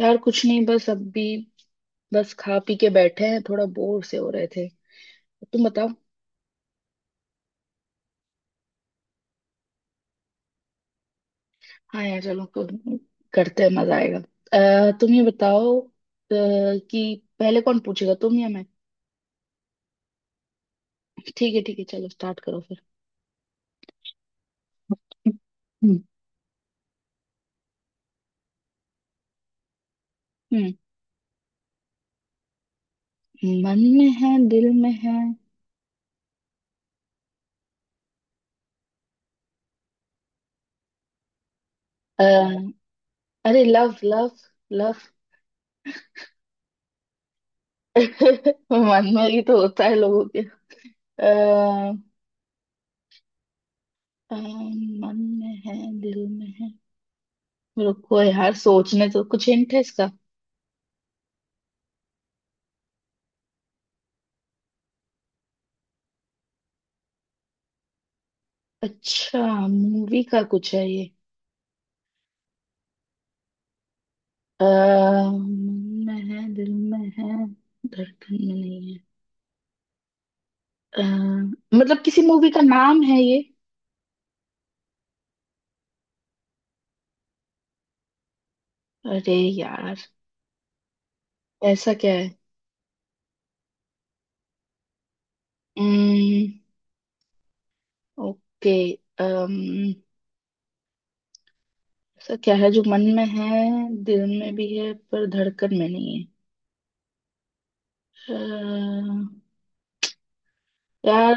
यार, कुछ नहीं। बस अभी बस खा पी के बैठे हैं, थोड़ा बोर से हो रहे थे। तुम बताओ। हाँ यार, चलो करते हैं, मजा आएगा। तुम ये बताओ कि पहले कौन पूछेगा, तुम या मैं। ठीक है, ठीक है। चलो स्टार्ट करो फिर। हम्म। हम्म। मन में है, दिल में है। अ, अरे लव लव लव। मन में ही तो होता है लोगों के। आ, मन में है, दिल में है। रुको यार, सोचने तो कुछ हिंट है इसका? अच्छा, मूवी का कुछ है ये? मन में है, दिल में है, धड़कन में नहीं है। अ, मतलब किसी मूवी का नाम है ये? अरे यार, ऐसा क्या है? अम्म, ओके। अम्म, ऐसा क्या है जो मन में है, दिल में भी है, पर धड़कन में नहीं है? अ, यार,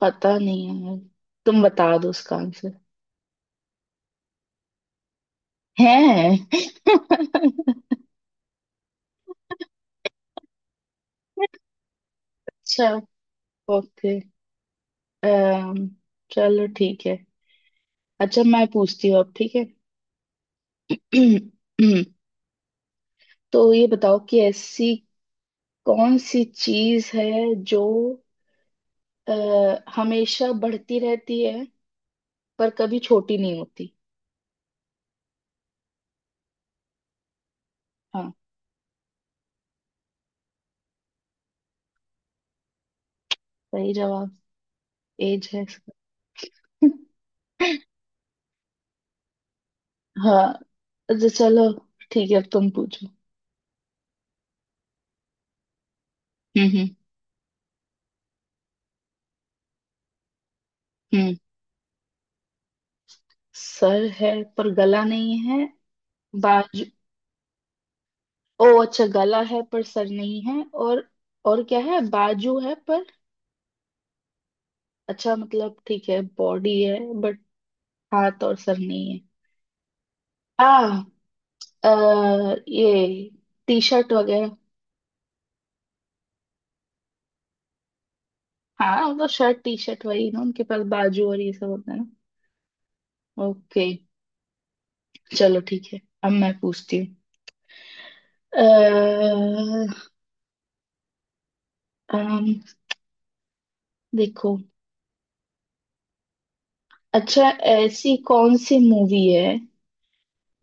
पता नहीं है। तुम बता दो उसका आंसर। है? अच्छा, ओके। अम्म, चलो, ठीक है। अच्छा, मैं पूछती हूँ अब, ठीक है? तो ये बताओ कि ऐसी कौन सी चीज है जो अ, हमेशा बढ़ती रहती है, पर कभी छोटी नहीं होती। हाँ, सही जवाब। एज है इसका। हाँ, अच्छा, चलो। ठीक है, अब तुम पूछो। हम्म। हम्म। हम्म। सर है, पर गला नहीं है, बाजू। ओ अच्छा, गला है पर सर नहीं है। और क्या है? बाजू है पर... अच्छा, मतलब ठीक है, बॉडी है बट हाथ और सर नहीं है। आ, ये टी शर्ट वगैरह। हाँ, मतलब शर्ट, टी शर्ट वही ना, उनके पास बाजू और ये सब होता है ना। ओके, चलो ठीक है। अब मैं पूछती हूँ। अ, अम, देखो। अच्छा, ऐसी कौन सी मूवी है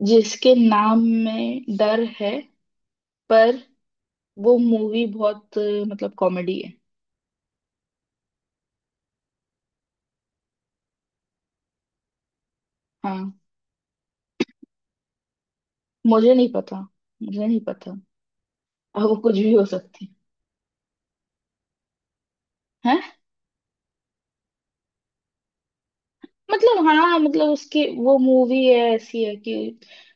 जिसके नाम में डर है, पर वो मूवी बहुत मतलब कॉमेडी है। हाँ। मुझे नहीं पता। मुझे नहीं पता। अब वो कुछ भी हो सकती है। हैं? मतलब हाँ, मतलब उसकी वो मूवी है, ऐसी है कि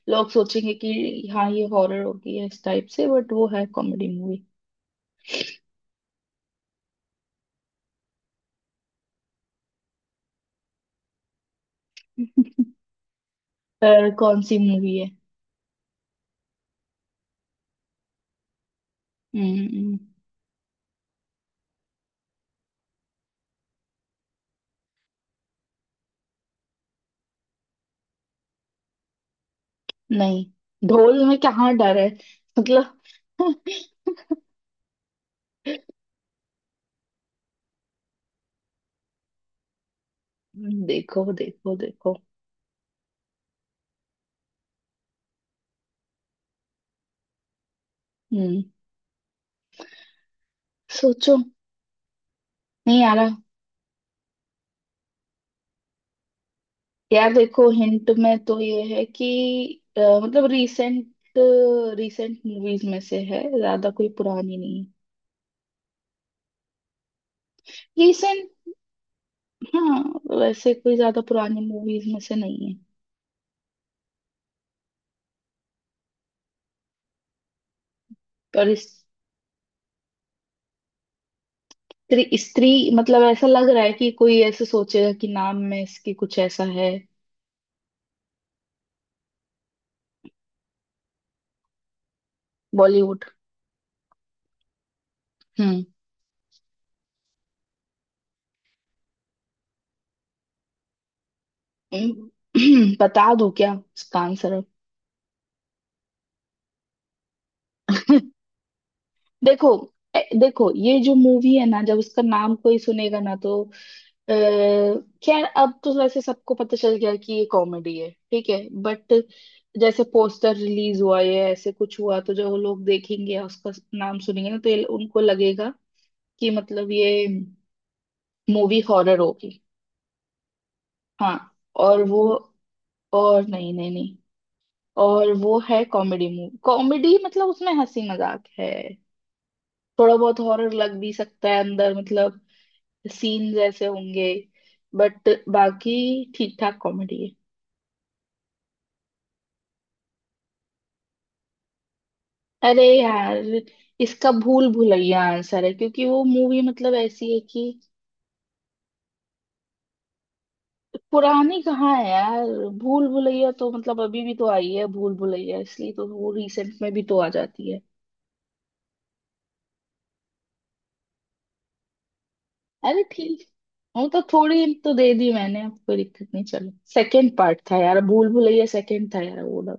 लोग सोचेंगे कि हाँ ये हॉरर होगी, है इस टाइप से, बट वो है कॉमेडी मूवी। पर कौन सी मूवी है? हम्म। नहीं, ढोल में कहाँ डर है? मतलब देखो देखो देखो। हम्म। सोचो। नहीं आ रहा। यार देखो, हिंट में तो ये है कि मतलब रिसेंट रिसेंट मूवीज में से है, ज्यादा कोई पुरानी नहीं है। हाँ, वैसे कोई ज्यादा पुरानी मूवीज में से नहीं है। पर स्त्री, स्त्री मतलब ऐसा लग रहा है कि कोई ऐसे सोचेगा कि नाम में इसकी कुछ ऐसा है। बॉलीवुड। हम्म। हम्म। बता दो, क्या उसका आंसर? देखो, देखो, ये जो मूवी है ना, जब उसका नाम कोई सुनेगा ना, तो क्या अब तो वैसे सबको पता चल गया कि ये कॉमेडी है, ठीक है, बट जैसे पोस्टर रिलीज हुआ है, ऐसे कुछ हुआ तो जो लोग देखेंगे या उसका नाम सुनेंगे ना, तो ये उनको लगेगा कि मतलब ये मूवी हॉरर होगी। हाँ। और वो और नहीं नहीं नहीं, और वो है कॉमेडी मूवी। कॉमेडी मतलब उसमें हंसी मजाक है। थोड़ा बहुत हॉरर लग भी सकता है अंदर, मतलब सीन्स ऐसे होंगे, बट बाकी ठीक ठाक कॉमेडी है। अरे यार, इसका भूल भुलैया आंसर है, क्योंकि वो मूवी मतलब ऐसी है कि पुरानी कहाँ है यार, भूल भुलैया तो मतलब अभी भी तो आई है भूल भुलैया, इसलिए तो वो रिसेंट में भी तो आ जाती है। अरे ठीक, वो तो थोड़ी hint तो दे दी मैंने, अब कोई दिक्कत नहीं। चलो, सेकंड पार्ट था यार भूल भुलैया, सेकंड था यार वो ना।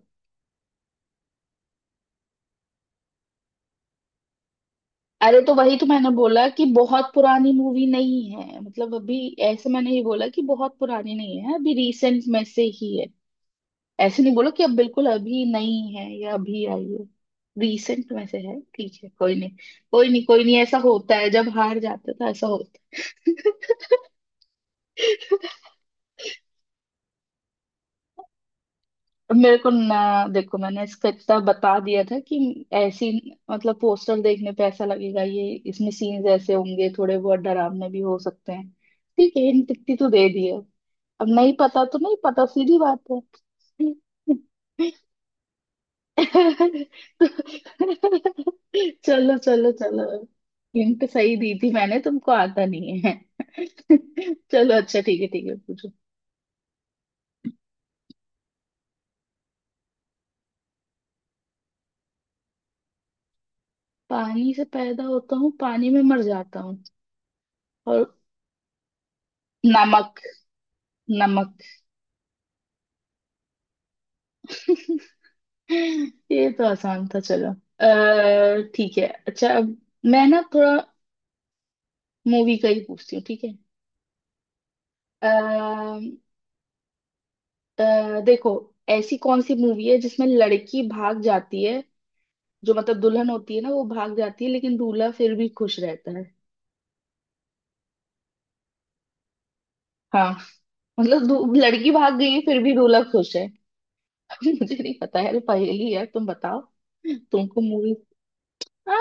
अरे तो वही तो मैंने बोला कि बहुत पुरानी मूवी नहीं है मतलब अभी। ऐसे मैंने ये बोला कि बहुत पुरानी नहीं है, अभी रिसेंट में से ही है। ऐसे नहीं बोलो कि अब बिल्कुल अभी नहीं है या अभी आई है। रिसेंट में से है, ठीक है, कोई नहीं। कोई नहीं, कोई नहीं, ऐसा होता है जब हार जाते तो ऐसा होता है। मेरे को ना, देखो मैंने इसका इतना बता दिया था कि ऐसी मतलब पोस्टर देखने पे ऐसा लगेगा, ये इसमें सीन्स ऐसे होंगे, थोड़े बहुत डरावने भी हो सकते हैं। ठीक है, हिंट इतनी तो दे दी है, अब नहीं पता तो नहीं पता, सीधी बात है। चलो चलो चलो, हिंट सही दी थी मैंने, तुमको आता नहीं है। चलो, अच्छा ठीक है, ठीक है पूछो। पानी से पैदा होता हूँ, पानी में मर जाता हूँ, और... नमक। नमक। ये तो आसान था। चलो अः ठीक है। अच्छा, अब मैं ना थोड़ा मूवी का ही पूछती हूँ, ठीक है। अः देखो, ऐसी कौन सी मूवी है जिसमें लड़की भाग जाती है, जो मतलब दुल्हन होती है ना, वो भाग जाती है, लेकिन दूल्हा फिर भी खुश रहता है। हाँ, मतलब लड़की भाग गई है, फिर भी दूल्हा खुश है। मुझे नहीं पता है, अरे पहेली है, तुम बताओ, तुमको मूवी। हाँ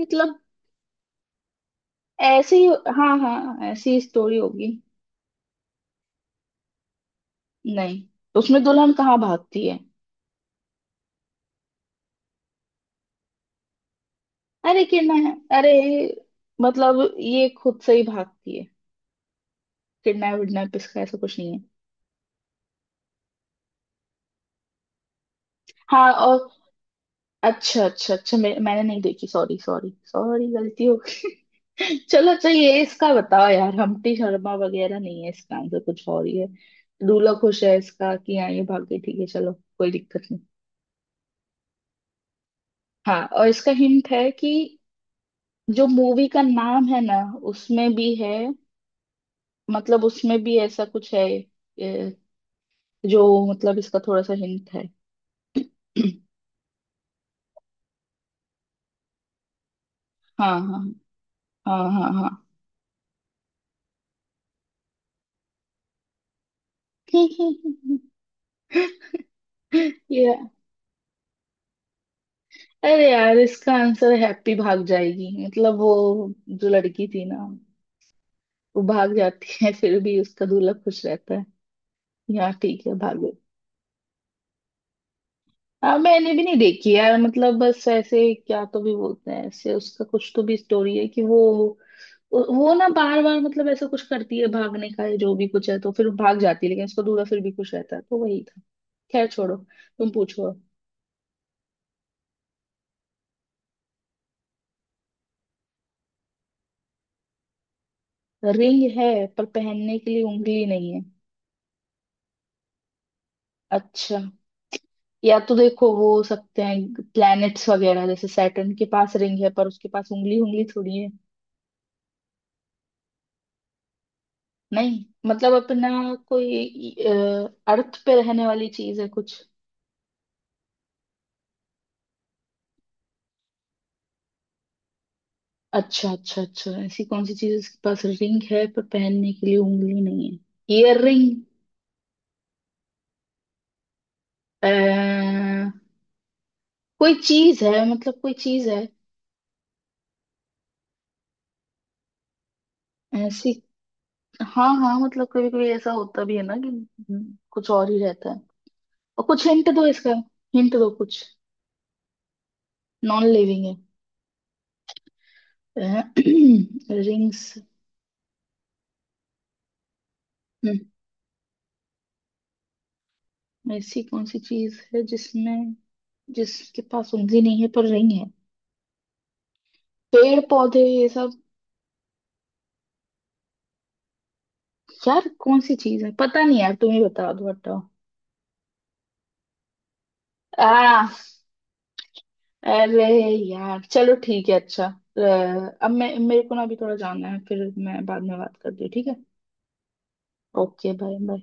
मतलब ऐसी, हाँ हाँ, ऐसी स्टोरी होगी। नहीं, उसमें दुल्हन कहाँ भागती है? अरे किडनैप? अरे मतलब ये खुद से ही भागती है, किडनैप विडनैप इसका ऐसा कुछ नहीं है। हाँ और, अच्छा अच्छा अच्छा, मैंने नहीं देखी, सॉरी सॉरी सॉरी, गलती हो गई। चलो अच्छा, ये इसका बताओ यार, हम्प्टी शर्मा वगैरह नहीं है, इसका आंसर कुछ और ही है। दूल्हा खुश है इसका कि हाँ ये भाग गई, ठीक है चलो, कोई दिक्कत नहीं। हाँ और इसका हिंट है कि जो मूवी का नाम है ना, उसमें भी है, मतलब उसमें भी ऐसा कुछ है ए, जो मतलब इसका थोड़ा सा हिंट है। हाँ हाँ हाँ हाँ हाँ। ये, अरे यार, इसका आंसर हैप्पी भाग जाएगी, मतलब वो जो लड़की थी ना, वो भाग जाती है, फिर भी उसका दूल्हा खुश रहता है। यहाँ ठीक है, भागो। हाँ मैंने भी नहीं देखी यार, मतलब बस ऐसे क्या तो भी बोलते हैं, ऐसे उसका कुछ तो भी स्टोरी है कि वो ना बार बार मतलब ऐसा कुछ करती है भागने का या जो भी कुछ है, तो फिर भाग जाती है लेकिन उसका दूल्हा फिर भी खुश रहता है, तो वही था। खैर छोड़ो, तुम पूछो। रिंग है पर पहनने के लिए उंगली नहीं है? अच्छा, या तो देखो वो हो सकते हैं प्लैनेट्स वगैरह, जैसे सैटर्न के पास रिंग है, पर उसके पास उंगली, उंगली थोड़ी है। नहीं मतलब अपना कोई अर्थ पे रहने वाली चीज है कुछ। अच्छा अच्छा अच्छा, ऐसी कौन सी चीज है जिसके पास रिंग है पर पहनने के लिए उंगली नहीं है? Earring. कोई चीज है, मतलब कोई चीज है ऐसी। हाँ हाँ, मतलब कभी कभी ऐसा होता भी है ना कि कुछ और ही रहता है। और कुछ हिंट दो इसका, हिंट दो कुछ। नॉन लिविंग है? रिंग्स। ऐसी कौन सी चीज है जिसमें जिसके पास उंगली नहीं है पर रिंग है? पेड़ पौधे, ये सब? यार कौन सी चीज है, पता नहीं यार, तुम ही बता दो हटाओ। आ। अरे यार चलो। ठीक है, अच्छा। अब मैं मेरे को ना अभी थोड़ा जाना है, फिर मैं बाद में बात करती हूँ, ठीक है। Okay, bye bye.